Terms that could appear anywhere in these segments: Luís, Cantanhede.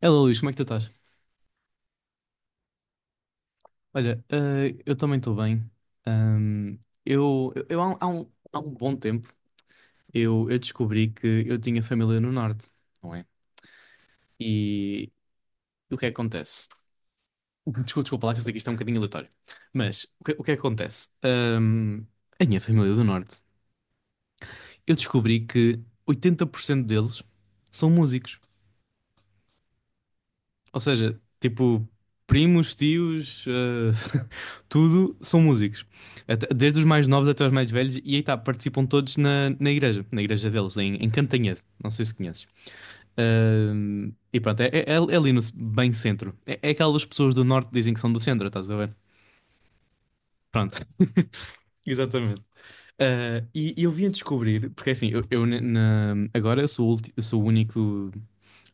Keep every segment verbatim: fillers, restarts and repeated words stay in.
Hello, Luís, como é que tu estás? Olha, eh, eu também estou bem. Ahm, eu, eu, eu há, um, há um há um bom tempo, eu, eu descobri que eu tinha família no Norte, não é? E o que é que acontece? Desculpa, desculpa lá que eu sei que isto é um bocadinho aleatório. Mas o que, o que é que acontece? Ahm, a minha família é do Norte, eu descobri que oitenta por cento deles são músicos. Ou seja, tipo, primos, tios, eh, tudo são músicos. Até- desde os mais novos até os mais velhos, e aí tá, participam todos na, na igreja, na igreja deles, em, em Cantanhede. Não sei se conheces. Ahm, e pronto, é, é- é ali no c- bem centro. É, é aquelas pessoas do norte que dizem que são do centro, estás a ver? Pronto. Exatamente. Ah, e e eu vim a descobrir, porque é assim, eu, eu ne- na- agora eu sou, o ulti- eu sou o único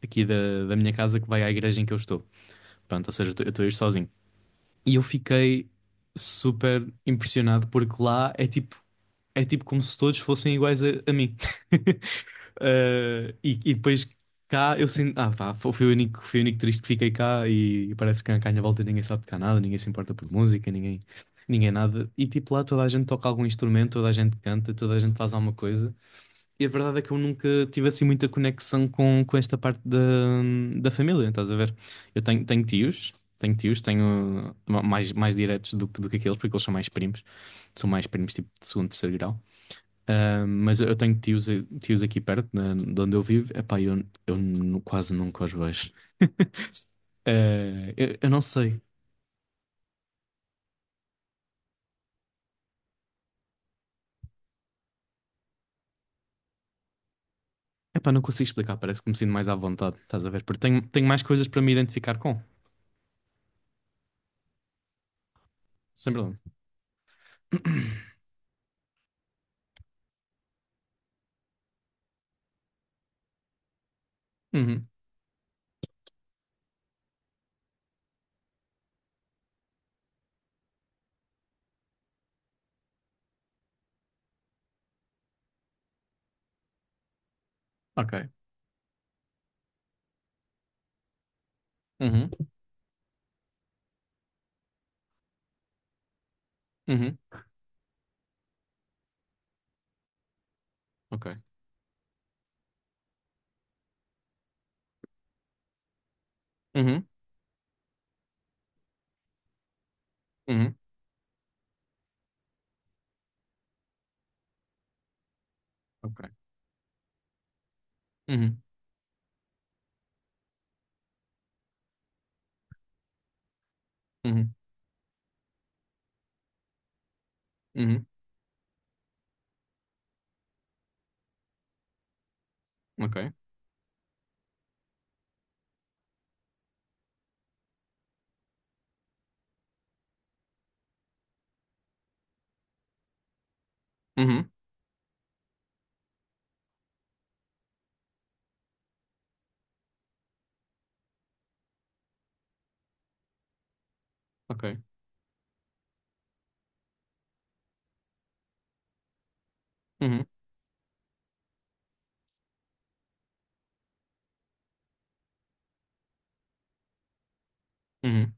aqui da, da minha casa que vai à igreja em que eu estou. Pronto, ou seja, eu estou eu estou a ir sozinho. E eu fiquei super impressionado porque lá é tipo, é tipo como se todos fossem iguais a, a mim. Eh, e, e depois cá eu sinto, ah pá, fui o único, fui o único triste que fiquei cá e, parece que cá à minha volta ninguém sabe tocar nada, ninguém se importa por música, ninguém, ninguém é nada. E tipo lá toda a gente toca algum instrumento, toda a gente canta, toda a gente faz alguma coisa. E a verdade é que eu nunca tive assim muita conexão com, com esta parte da, da família, estás a ver? Eu tenho, tenho tios, tenho tios, tenho ma- mais, mais diretos do, que- do que aqueles, porque eles são mais primos, são mais primos tipo de segundo, terceiro grau. Ah, mas eu tenho tios, tios aqui perto, na- de onde eu vivo, epá, eu, eu nu- quase nunca os vejo. Ah, eu, eu não sei, epá, não consigo explicar, parece que me sinto mais à vontade, estás a ver? Porque tenho, tenho mais coisas para me identificar com, sem problema. Uhum, ok. Uhum, uhum, ok. Uhum. Uhum, ok. Uhum, uhum, uhum, ok. Uhum, ok. Uhum, uhum,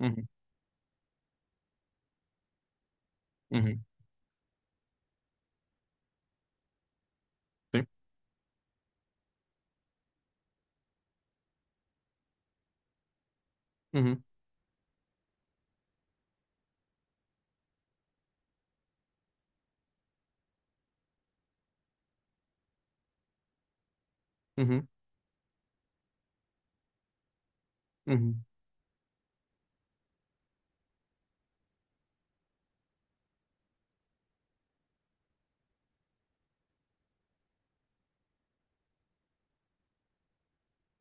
uhum, uhum, sim. Uhum, uhum, uhum,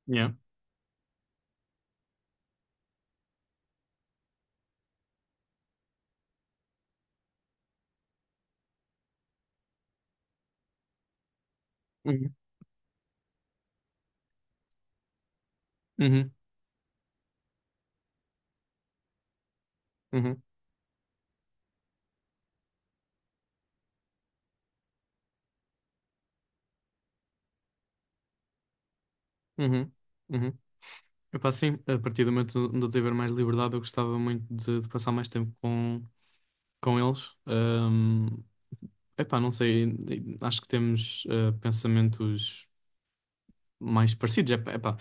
yeah. Uhum, uhum, uhum, uhum, uhum. Epá, sim, a partir do momento onde eu tiver mais liberdade, eu gostava muito de, de passar mais tempo com, com eles. Ahm, epá, não sei, acho que temos eh, pensamentos mais parecidos. Epá, epá,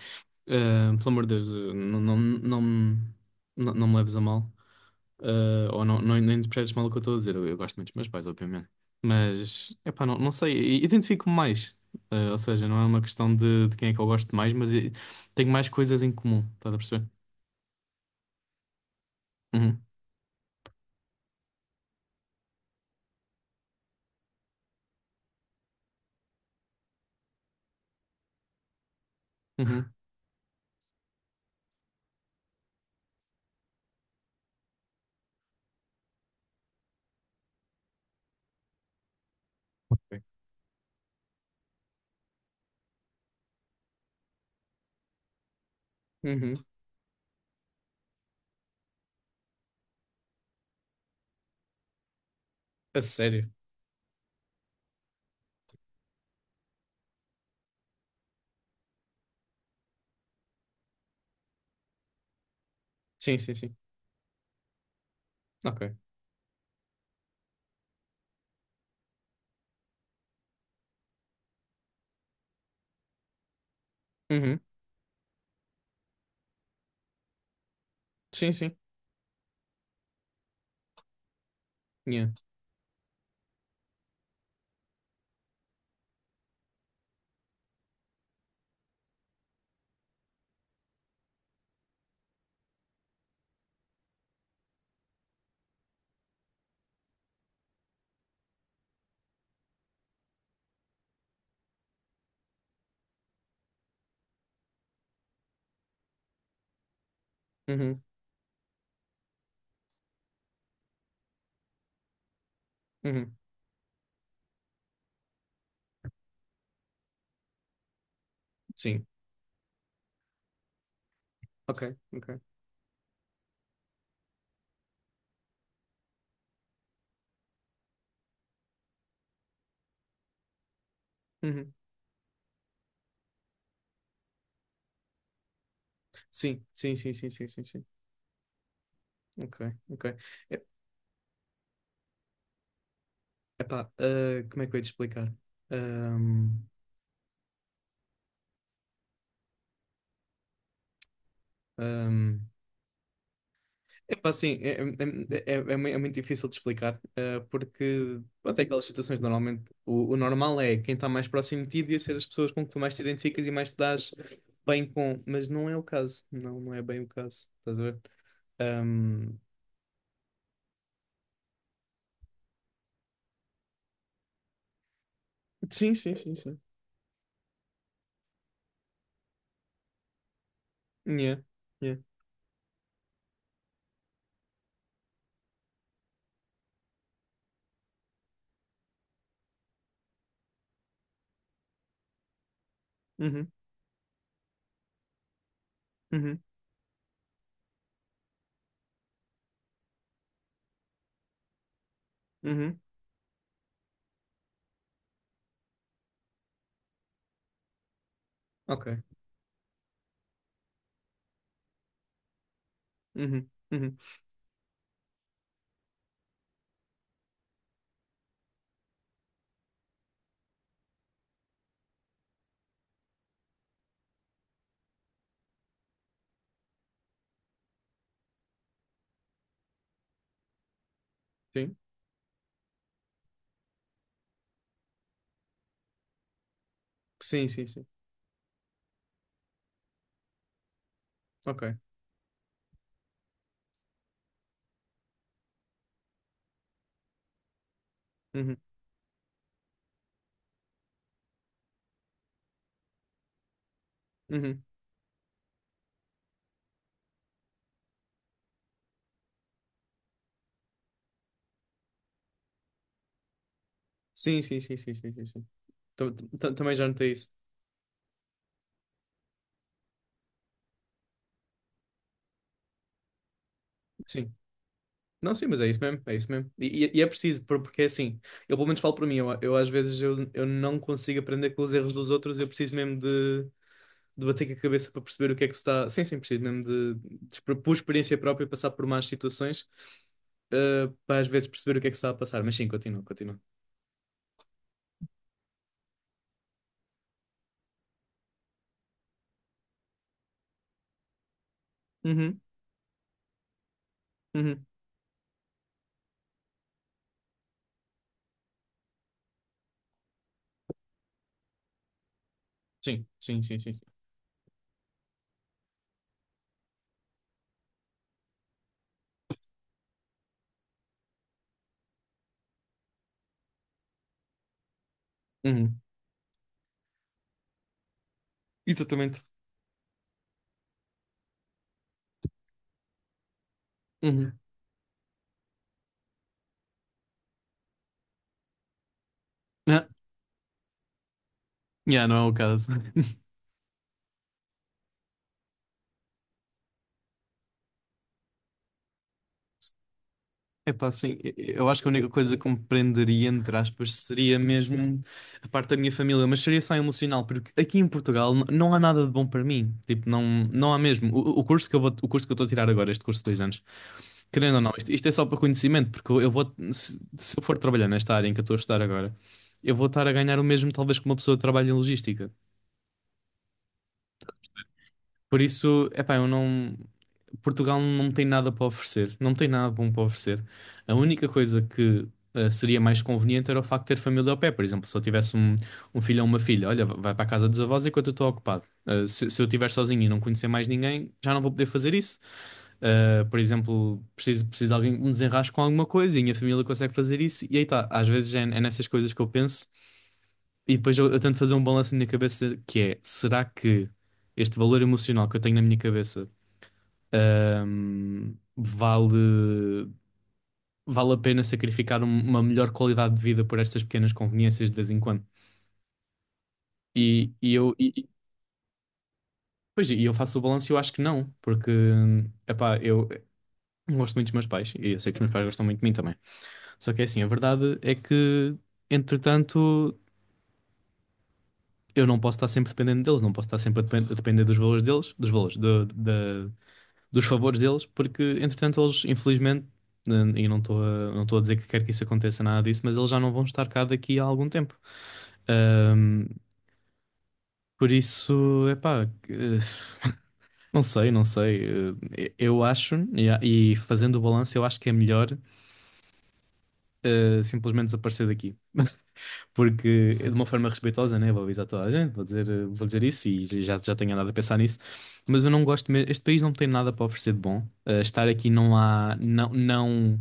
eh, pelo amor de Deus, eh, não, não, não, me- não, não me leves a mal. Ah, ou não, não, não interpretes mal o que eu estou a dizer. Eu, eu gosto muito dos meus pais, obviamente. Mas, epá, não, não sei. i- Identifico-me mais. Ah, ou seja, não é uma questão de, de quem é que eu gosto mais, mas i- tenho mais coisas em comum. Estás a perceber? Uhum. Uhum. Ok. Uhum. A sério? Sim, sim, sim. Ok. Uhum. Sim, sim. Yeah. Uhum. Uhum. Sim. Ok, ok. Uhum. Sim, sim, sim, sim, sim, sim, sim. Ok, ok. E- Epá, ah, como é que eu ia te explicar? Ahm, ahm, Epá, sim, é, é, é, é, é mui- é muito difícil de explicar, eh, porque até aquelas situações normalmente o, o normal é quem está mais próximo de ti devia ser as pessoas com que tu mais te identificas e mais te dás bem com, mas não é o caso, não, não é bem o caso, estás a ver? Ahm, Sim, sim, sim, sim. Yeah, yeah, uhum, uhum, uhum, ok, uhum, uhum, sim, sim, sim, sim, ok, uhum, uhum, sim, sim, sim, sim, sim, sim, sim. Tam- tam- Também já notei isso, sim. Não, sim, mas é isso mesmo, é isso mesmo. E, e- e é preciso, por- porque é assim, eu pelo menos falo para mim, eu, eu às vezes eu, eu não consigo aprender com os erros dos outros, eu preciso mesmo de, de bater com a cabeça para perceber o que é que se está. Sim, sim, preciso mesmo de, de exper- por experiência própria, passar por más situações, eh, para às vezes perceber o que é que se está a passar. Mas sim, continua, continua. Uhum, uhum. Sim, sim, sim, sim. Sim. Uhum. Exatamente. Uhum. Ah, yeah, não é o caso. Epá, assim, e- eu acho que a única coisa que me prenderia, entre aspas, seria mesmo a parte da minha família, mas seria só emocional, porque aqui em Portugal n- não há nada de bom para mim. Tipo, não, não há mesmo. O, o curso que eu vou, o curso que eu estou a tirar agora, este curso de dois anos, querendo ou não, isto, isto é só para conhecimento, porque eu eu vou, se, se eu for trabalhar nesta área em que eu estou a estudar agora, eu vou estar a ganhar o mesmo, talvez, que uma pessoa que trabalha em logística. Por isso, epá, eu não. Portugal não tem nada para oferecer, não tem nada bom para oferecer. A única coisa que eh, seria mais conveniente era o facto de ter família ao pé, por exemplo, se eu tivesse um, um filho ou uma filha, olha, vai para a casa dos avós enquanto eu estou ocupado. Eh, se, se eu estiver sozinho e não conhecer mais ninguém, já não vou poder fazer isso. Uh, por exemplo, preciso, preciso de alguém que me desenrasque com alguma coisa e a minha família consegue fazer isso. E aí tá, às vezes é, é nessas coisas que eu penso e depois eu, eu tento fazer um balanço na minha cabeça que é, será que este valor emocional que eu tenho na minha cabeça Ahm, vale, vale a pena sacrificar um- uma melhor qualidade de vida por estas pequenas conveniências de vez em quando. E, e eu, e, e- Pois, e eu faço o balanço e eu acho que não, porque, epá, eu gosto muito dos meus pais e eu sei que os meus pais gostam muito de mim também. Só que é assim, a verdade é que, entretanto, eu não posso estar sempre dependendo deles, não posso estar sempre a depen- a depender dos valores deles, dos valores, do- da dos favores deles, porque entretanto eles, infelizmente, eh, e não estou a, não estou a dizer que quero que isso aconteça, nada disso, mas eles já não vão estar cá daqui a algum tempo. Ahm, por isso, epá, que- não sei, não sei. Eh, Eu acho, e a- e fazendo o balanço, eu acho que é melhor eh, simplesmente desaparecer daqui. Porque de uma forma respeitosa, né? Vou avisar toda a gente, vou dizer, eh, vou dizer isso e já, já tenho andado a pensar nisso. Mas eu não gosto mesmo. Este país não tem nada para oferecer de bom. Eh, estar aqui não há. Não, não.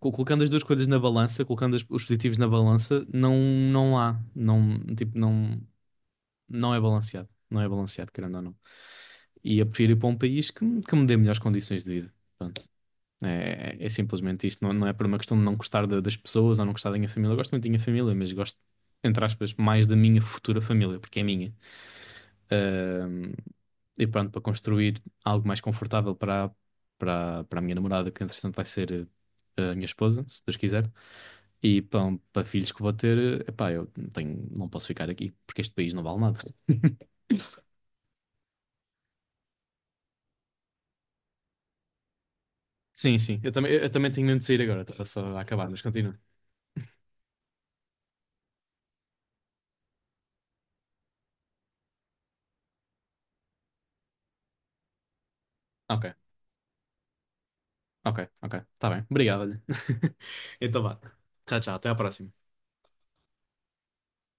co- Colocando as duas coisas na balança, colocando as- os positivos na balança, não, não há, não, tipo, não, não é balanceado, não é balanceado, querendo ou não. E eu prefiro ir para um país que, me- que me dê melhores condições de vida. Pronto. É, é- é simplesmente isto, não, não é por uma questão de não gostar da- das pessoas ou não gostar da minha família. Eu gosto muito da minha família, mas gosto, entre aspas, mais da minha futura família, porque é minha. Ahm, e pronto, para construir algo mais confortável para, para, para a minha namorada, que entretanto vai ser eh, a minha esposa, se Deus quiser. E pão, para filhos que vou ter, eh, epá, eu não tenho, não posso ficar aqui, porque este país não vale nada. Sim, sim, eu também, eu também tenho mesmo de sair agora, estava só a acabar, mas continua. Ok, ok, ok, está bem, obrigado, olha. Então vá, tchau, tchau, até à próxima.